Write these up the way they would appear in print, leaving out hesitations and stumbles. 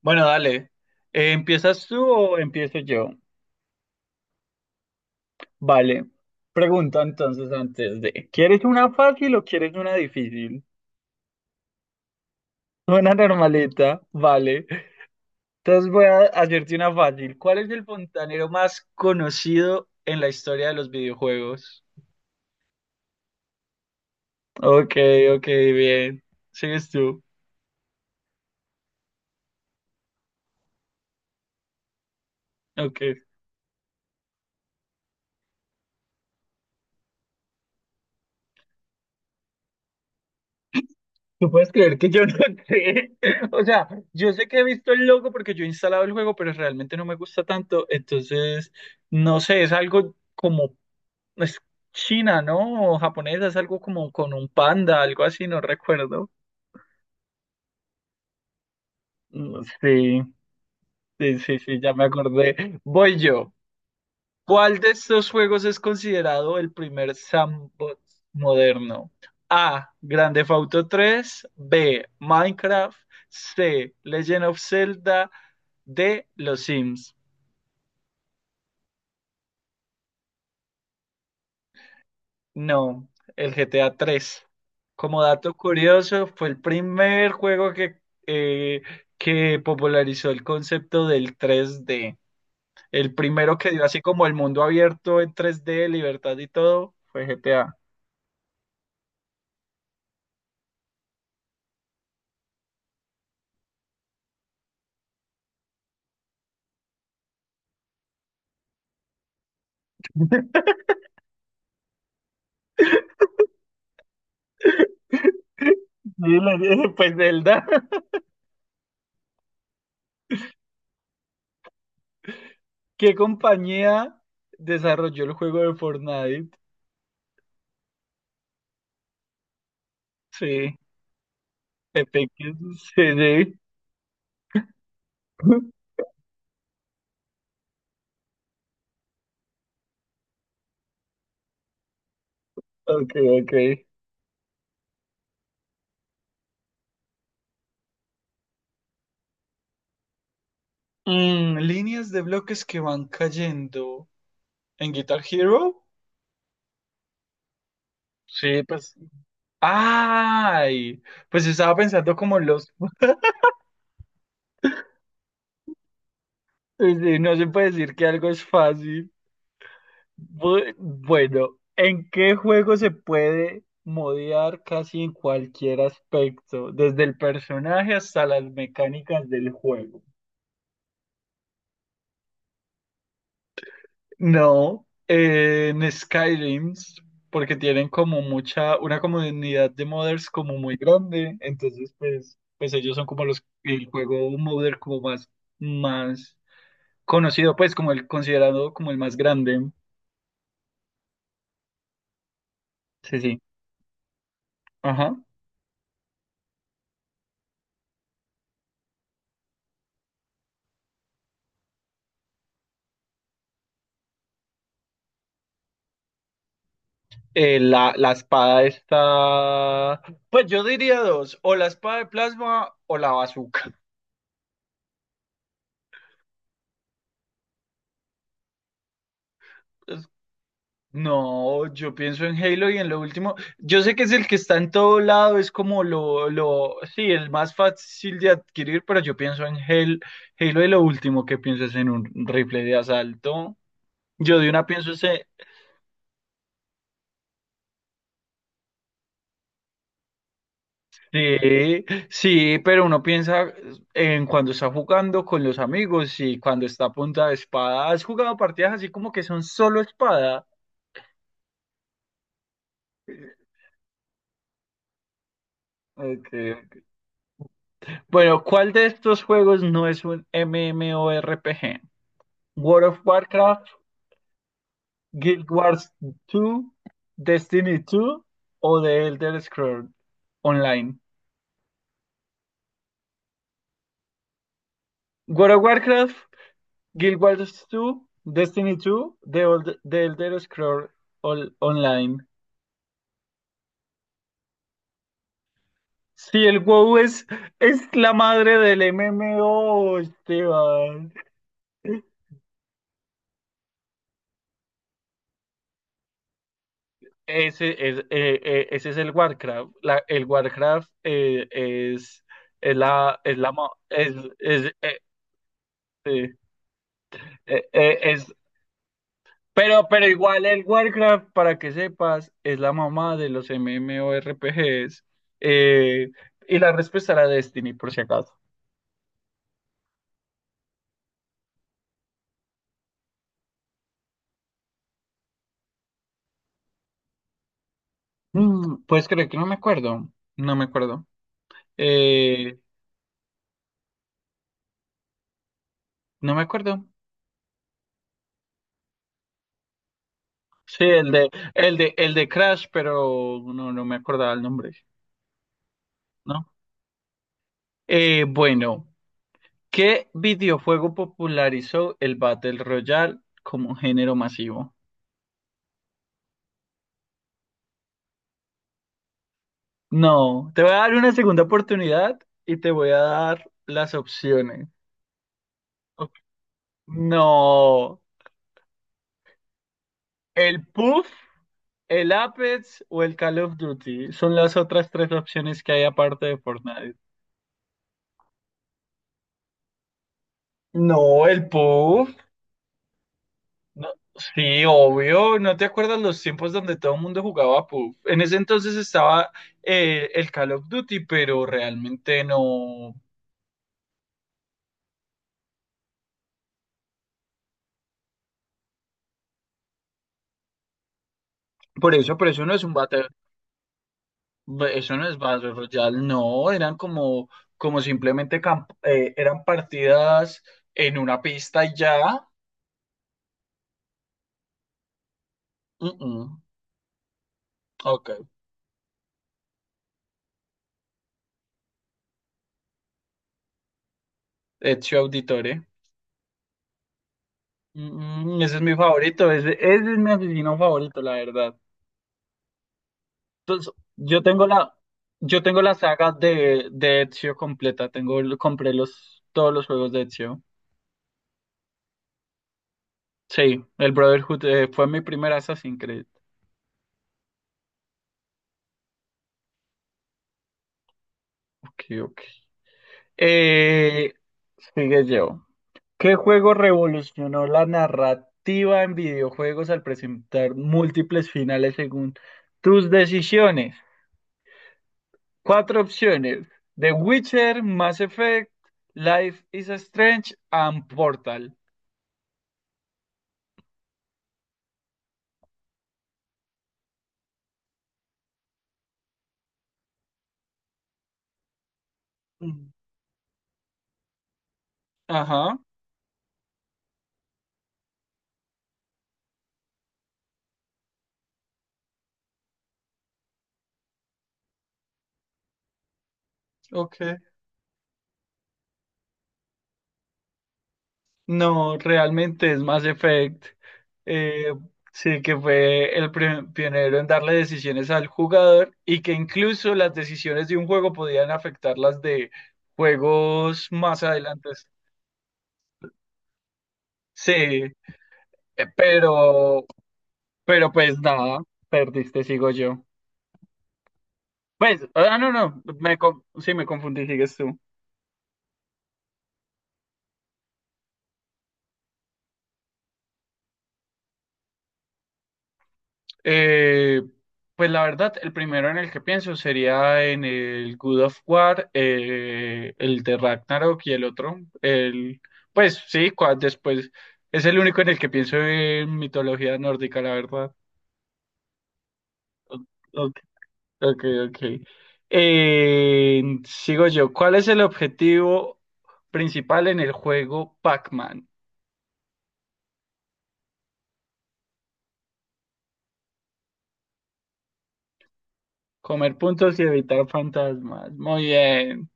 Bueno, dale. ¿Empiezas tú o empiezo yo? Vale. Pregunta entonces antes de, ¿quieres una fácil o quieres una difícil? Una normalita, vale. Entonces voy a hacerte una fácil. ¿Cuál es el fontanero más conocido en la historia de los videojuegos? Ok, ok, bien. Sigues tú. Ok. ¿Tú puedes creer que yo no sé? O sea, yo sé que he visto el logo porque yo he instalado el juego, pero realmente no me gusta tanto. Entonces, no sé, es algo como, es China, ¿no? O japonesa, es algo como con un panda, algo así, no recuerdo. Mm, sí, sí, sí, sí, ya me acordé. Voy yo. ¿Cuál de estos juegos es considerado el primer sandbox moderno? A. Grand Theft Auto 3. B. Minecraft. C. Legend of Zelda. D. Los Sims. No, el GTA 3. Como dato curioso, fue el primer juego eh, que popularizó el concepto del 3D. El primero que dio así como el mundo abierto en 3D, libertad y todo, fue GTA. Sí, la- pues Zelda. ¿Qué compañía desarrolló el juego de Fortnite? Sí, Epic Games, sí, sí. Ok, ok. Líneas de bloques que van cayendo. ¿En Guitar Hero? Sí, pues. ¡Ay! Pues estaba pensando como los... Sí, sí, no se puede decir que algo es fácil. Bueno, ¿en qué juego se puede modear casi en cualquier aspecto? Desde el personaje hasta las mecánicas del juego. No, en Skyrim, porque tienen como una comunidad de modders como muy grande, entonces pues, ellos son como el juego modder como más conocido, pues como el considerado como el más grande. Sí, sí. Ajá. La espada está. Pues yo diría dos: o la espada de plasma o la bazooka. Es- No, yo pienso en Halo y en lo último. Yo sé que es el que está en todo lado, es como lo, sí, el más fácil de adquirir, pero yo pienso en Halo, Halo y lo último que pienso es en un rifle de asalto. Yo de una pienso ese. Sí, sí, pero uno piensa en cuando está jugando con los amigos y cuando está a punta de espada. ¿Has jugado partidas así como que son solo espada? Okay. Bueno, ¿cuál de estos juegos no es un MMORPG? World of Warcraft, Guild Wars 2, Destiny 2 o The Elder Scrolls Online. World of Warcraft, Guild Wars 2, Destiny 2, The Elder Scrolls Online. Sí, el WoW es, la madre del MMO, Esteban. Ese es el Warcraft. El Warcraft es la, es la, mo- es, es, eh, eh, eh, eh, es- pero igual el Warcraft, para que sepas, es la mamá de los MMORPGs. Eh, y la respuesta era Destiny, por si acaso. ¿Puedes creer que no me acuerdo? No me acuerdo. Eh, no me acuerdo. Sí, el de Crash, pero no, no me acordaba el nombre, ¿no? Bueno, ¿qué videojuego popularizó el Battle Royale como género masivo? No, te voy a dar una segunda oportunidad y te voy a dar las opciones. Ok. No, el Puff, el Apex o el Call of Duty son las otras tres opciones que hay aparte de Fortnite. No, el Puff. No, sí, obvio, ¿no te acuerdas los tiempos donde todo el mundo jugaba PUBG? En ese entonces estaba el Call of Duty, pero realmente no. Por eso, no es un battle, eso no es Battle Royale, no, eran como simplemente eran partidas en una pista y ya. Mm, mm, ok, Ezio Auditore. Ese es mi favorito, ese es mi asesino favorito, la verdad. Entonces, yo tengo la saga de Ezio completa. Compré todos los juegos de Ezio. Sí, el Brotherhood fue mi primera Assassin's Creed. Ok, ok. Eh, sigue yo. ¿Qué juego revolucionó la narrativa en videojuegos al presentar múltiples finales según tus decisiones? Cuatro opciones: The Witcher, Mass Effect, Life is Strange and Portal. Mm. Ajá, ok. No, realmente es Mass Effect. eh, sí, que fue el pionero en darle decisiones al jugador y que incluso las decisiones de un juego podían afectar las de juegos más adelante. Sí, pero, pero pues nada, perdiste, sigo yo. Pues, ah, no, no, sí, me confundí, sigues tú. Eh, pues la verdad, el primero en el que pienso sería en el Good of War, el de Ragnarok y el otro, pues sí, después es el único en el que pienso en mitología nórdica, la verdad. O- Ok, ok, ok. Sigo yo. ¿Cuál es el objetivo principal en el juego Pac-Man? Comer puntos y evitar fantasmas. Muy bien.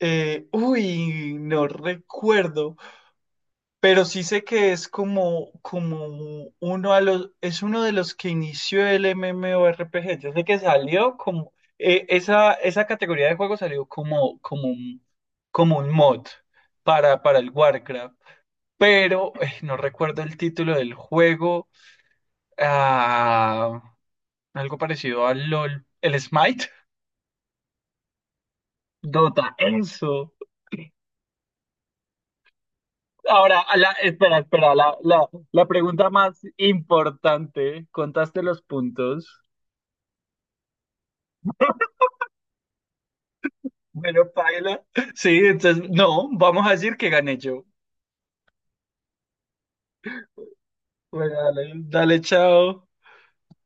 Uy, no recuerdo, pero sí sé que es como es uno de los que inició el MMORPG. Yo sé que salió como esa categoría de juego salió como un mod para el Warcraft, pero no recuerdo el título del juego. Ah, algo parecido al LOL, el Smite, Dota, eso. Ahora, espera, espera, la pregunta más importante, ¿contaste los puntos? Bueno, paila. Sí, entonces, no, vamos a decir que gané yo. Bueno, dale, dale, chao.